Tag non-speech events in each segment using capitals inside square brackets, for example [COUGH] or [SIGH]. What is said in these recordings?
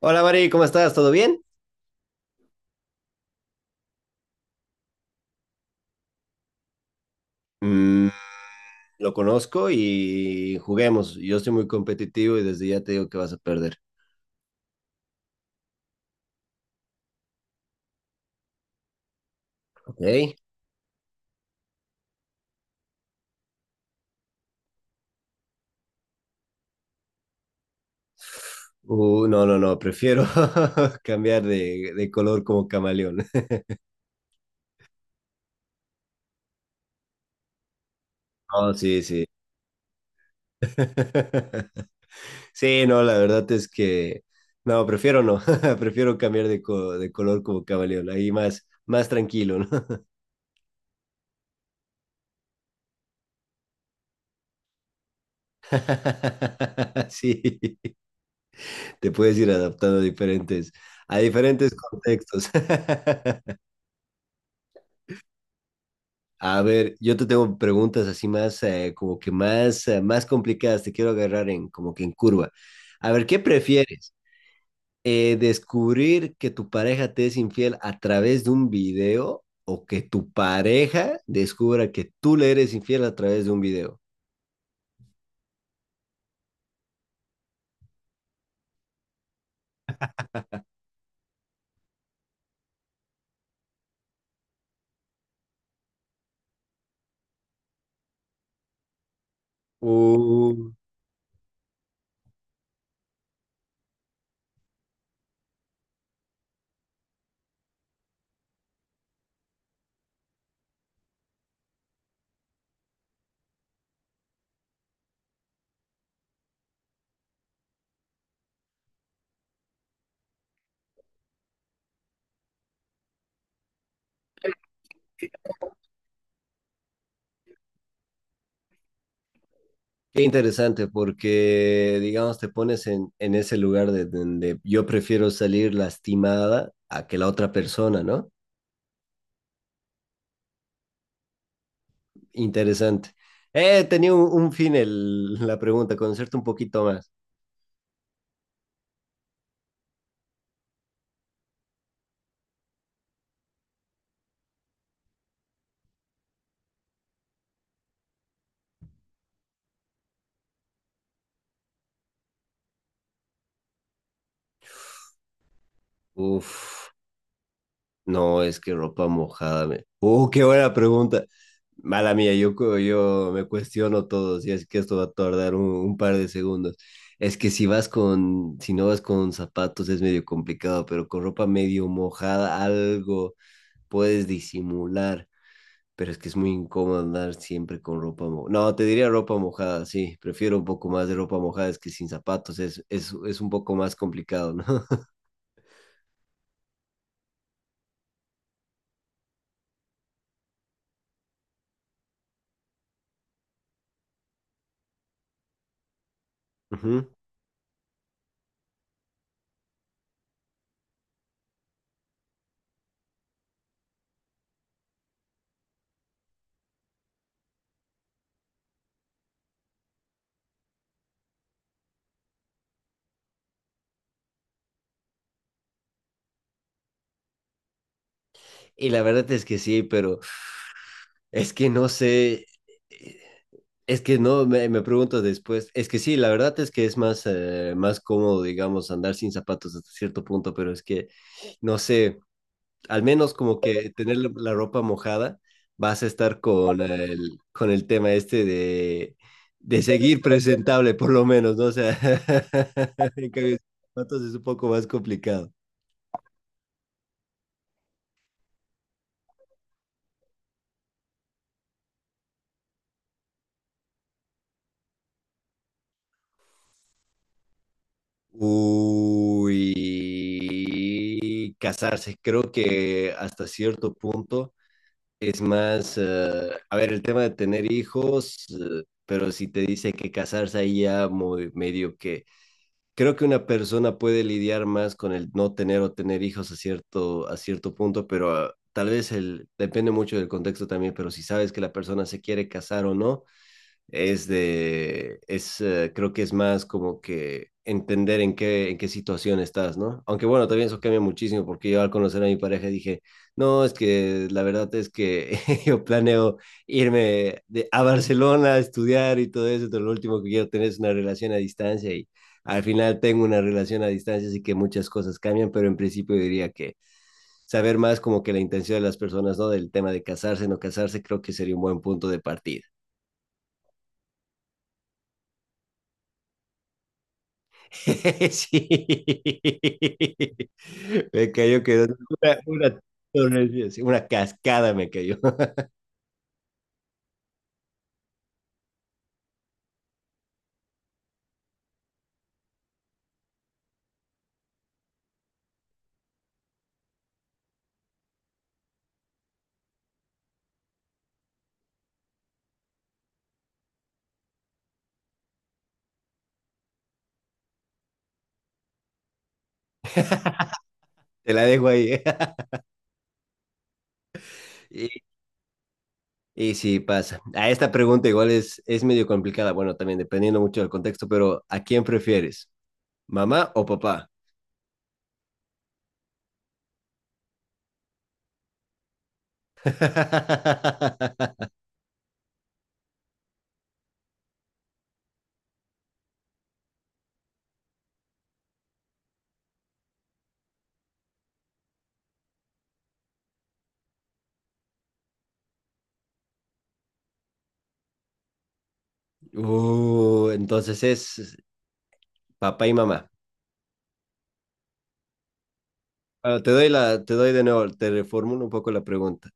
Hola Mari, ¿cómo estás? ¿Todo bien? Mm, lo conozco y juguemos. Yo soy muy competitivo y desde ya te digo que vas a perder. ¿Ok? No, no, no, prefiero [LAUGHS] cambiar de color como camaleón. [LAUGHS] No, sí, sí. [LAUGHS] Sí, no, la verdad es que no, prefiero no, [LAUGHS] prefiero cambiar de, de color como camaleón, ahí más, más tranquilo, ¿no? [LAUGHS] Sí, te puedes ir adaptando a diferentes contextos. [LAUGHS] A ver, yo te tengo preguntas así más, como que más, más complicadas. Te quiero agarrar en, como que en curva. A ver, ¿qué prefieres? ¿Descubrir que tu pareja te es infiel a través de un video o que tu pareja descubra que tú le eres infiel a través de un video? Uh, Qué interesante, porque, digamos, te pones en ese lugar de donde yo prefiero salir lastimada a que la otra persona, ¿no? Interesante. Tenía un fin la pregunta, conocerte un poquito más. Uf, no, es que ropa mojada. Me... Qué buena pregunta. Mala mía, yo, yo me cuestiono todo, si es que esto va a tardar un par de segundos. Es que si vas con, si no vas con zapatos es medio complicado, pero con ropa medio mojada algo puedes disimular. Pero es que es muy incómodo andar siempre con ropa mojada. No, te diría ropa mojada, sí. Prefiero un poco más de ropa mojada, es que sin zapatos es un poco más complicado, ¿no? [LAUGHS] Ujú. Y la verdad es que sí, pero es que no sé. eh, Es que no, me pregunto después. Es que sí, la verdad es que es más, más cómodo, digamos, andar sin zapatos hasta cierto punto, pero es que no sé. Al menos como que tener la, la ropa mojada, vas a estar con el tema este de seguir presentable, por lo menos, ¿no? O sea, [LAUGHS] en cambio, zapatos es un poco más complicado. Uy, casarse, creo que hasta cierto punto es más, a ver, el tema de tener hijos, pero si te dice que casarse ahí ya muy medio que creo que una persona puede lidiar más con el no tener o tener hijos a cierto punto, pero ah, tal vez el, depende mucho del contexto también, pero si sabes que la persona se quiere casar o no, es de, es, creo que es más como que entender en qué situación estás, ¿no? Aunque bueno, también eso cambia muchísimo porque yo al conocer a mi pareja dije, no, es que la verdad es que [LAUGHS] yo planeo irme de, a Barcelona a estudiar y todo eso, pero lo último que quiero tener es una relación a distancia y al final tengo una relación a distancia, así que muchas cosas cambian, pero en principio diría que saber más como que la intención de las personas, ¿no? Del tema de casarse, no casarse, creo que sería un buen punto de partida. [LAUGHS] Sí. Me cayó que una torre, sí, una cascada me cayó. [LAUGHS] Te la dejo ahí. [LAUGHS] Y, y sí, pasa. A esta pregunta igual es medio complicada. Bueno, también dependiendo mucho del contexto, pero ¿a quién prefieres? ¿Mamá o papá? [LAUGHS] Entonces es papá y mamá. Bueno, te doy la, te doy de nuevo, te reformulo un poco la pregunta.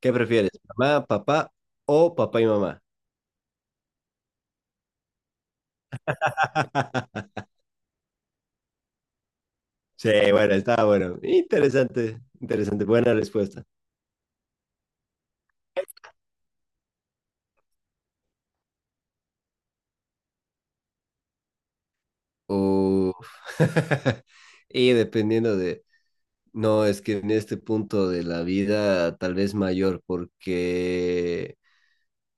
¿Qué prefieres? ¿Mamá, papá o papá y mamá? [LAUGHS] Sí, bueno, estaba bueno. Interesante, interesante, buena respuesta. Uf. [LAUGHS] Y dependiendo de, no, es que en este punto de la vida tal vez mayor, porque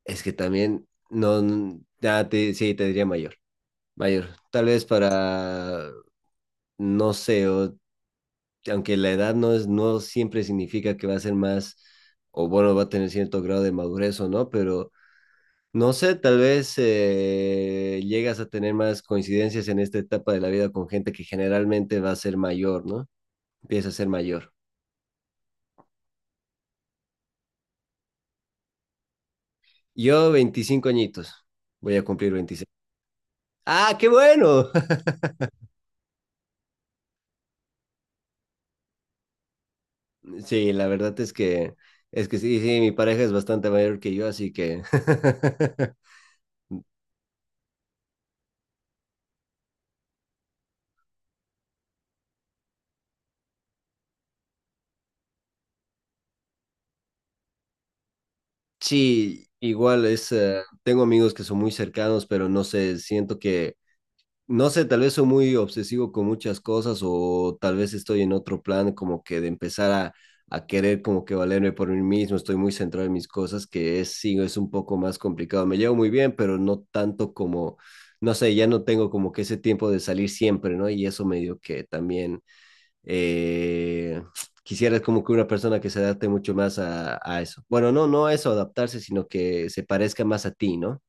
es que también, no, ya te, sí, te diría mayor, mayor. Tal vez para, no sé, aunque la edad no es, no siempre significa que va a ser más, o bueno, va a tener cierto grado de madurez o no, pero no sé, tal vez llegas a tener más coincidencias en esta etapa de la vida con gente que generalmente va a ser mayor, ¿no? Empieza a ser mayor. Yo, 25 añitos, voy a cumplir 26. ¡Ah, qué bueno! [LAUGHS] Sí, la verdad es que sí, sí, mi pareja es bastante mayor que yo, así que... [LAUGHS] Sí, igual es, tengo amigos que son muy cercanos, pero no sé, siento que no sé, tal vez soy muy obsesivo con muchas cosas o tal vez estoy en otro plan como que de empezar a querer como que valerme por mí mismo, estoy muy centrado en mis cosas, que es, sí, es un poco más complicado. Me llevo muy bien, pero no tanto como, no sé, ya no tengo como que ese tiempo de salir siempre, ¿no? Y eso medio que también eh, [SNIFFS] quisiera como que una persona que se adapte mucho más a eso. Bueno, no, no a eso, adaptarse, sino que se parezca más a ti, ¿no?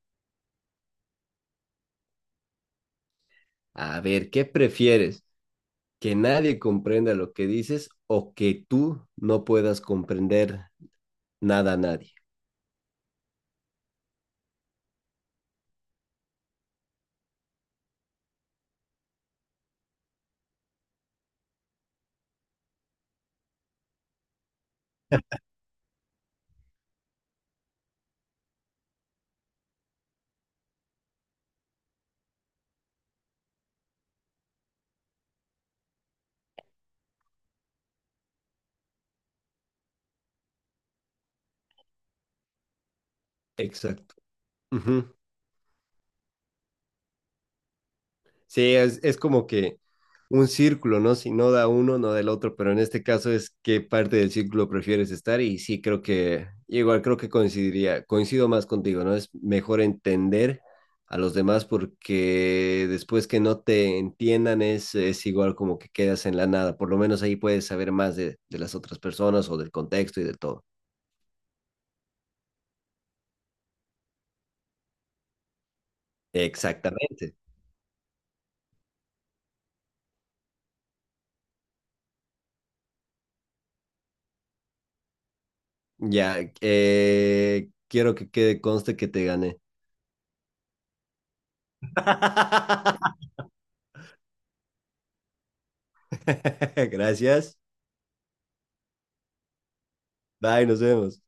A ver, ¿qué prefieres? Que nadie comprenda lo que dices o que tú no puedas comprender nada a nadie. Exacto. Ujú. Sí, es como que un círculo, ¿no? Si no da uno, no da el otro, pero en este caso es qué parte del círculo prefieres estar y sí creo que, igual creo que coincidiría, coincido más contigo, ¿no? Es mejor entender a los demás porque después que no te entiendan es igual como que quedas en la nada, por lo menos ahí puedes saber más de las otras personas o del contexto y de todo. Exactamente. Ya, quiero que quede conste que te gané. [LAUGHS] Gracias. Bye, nos vemos.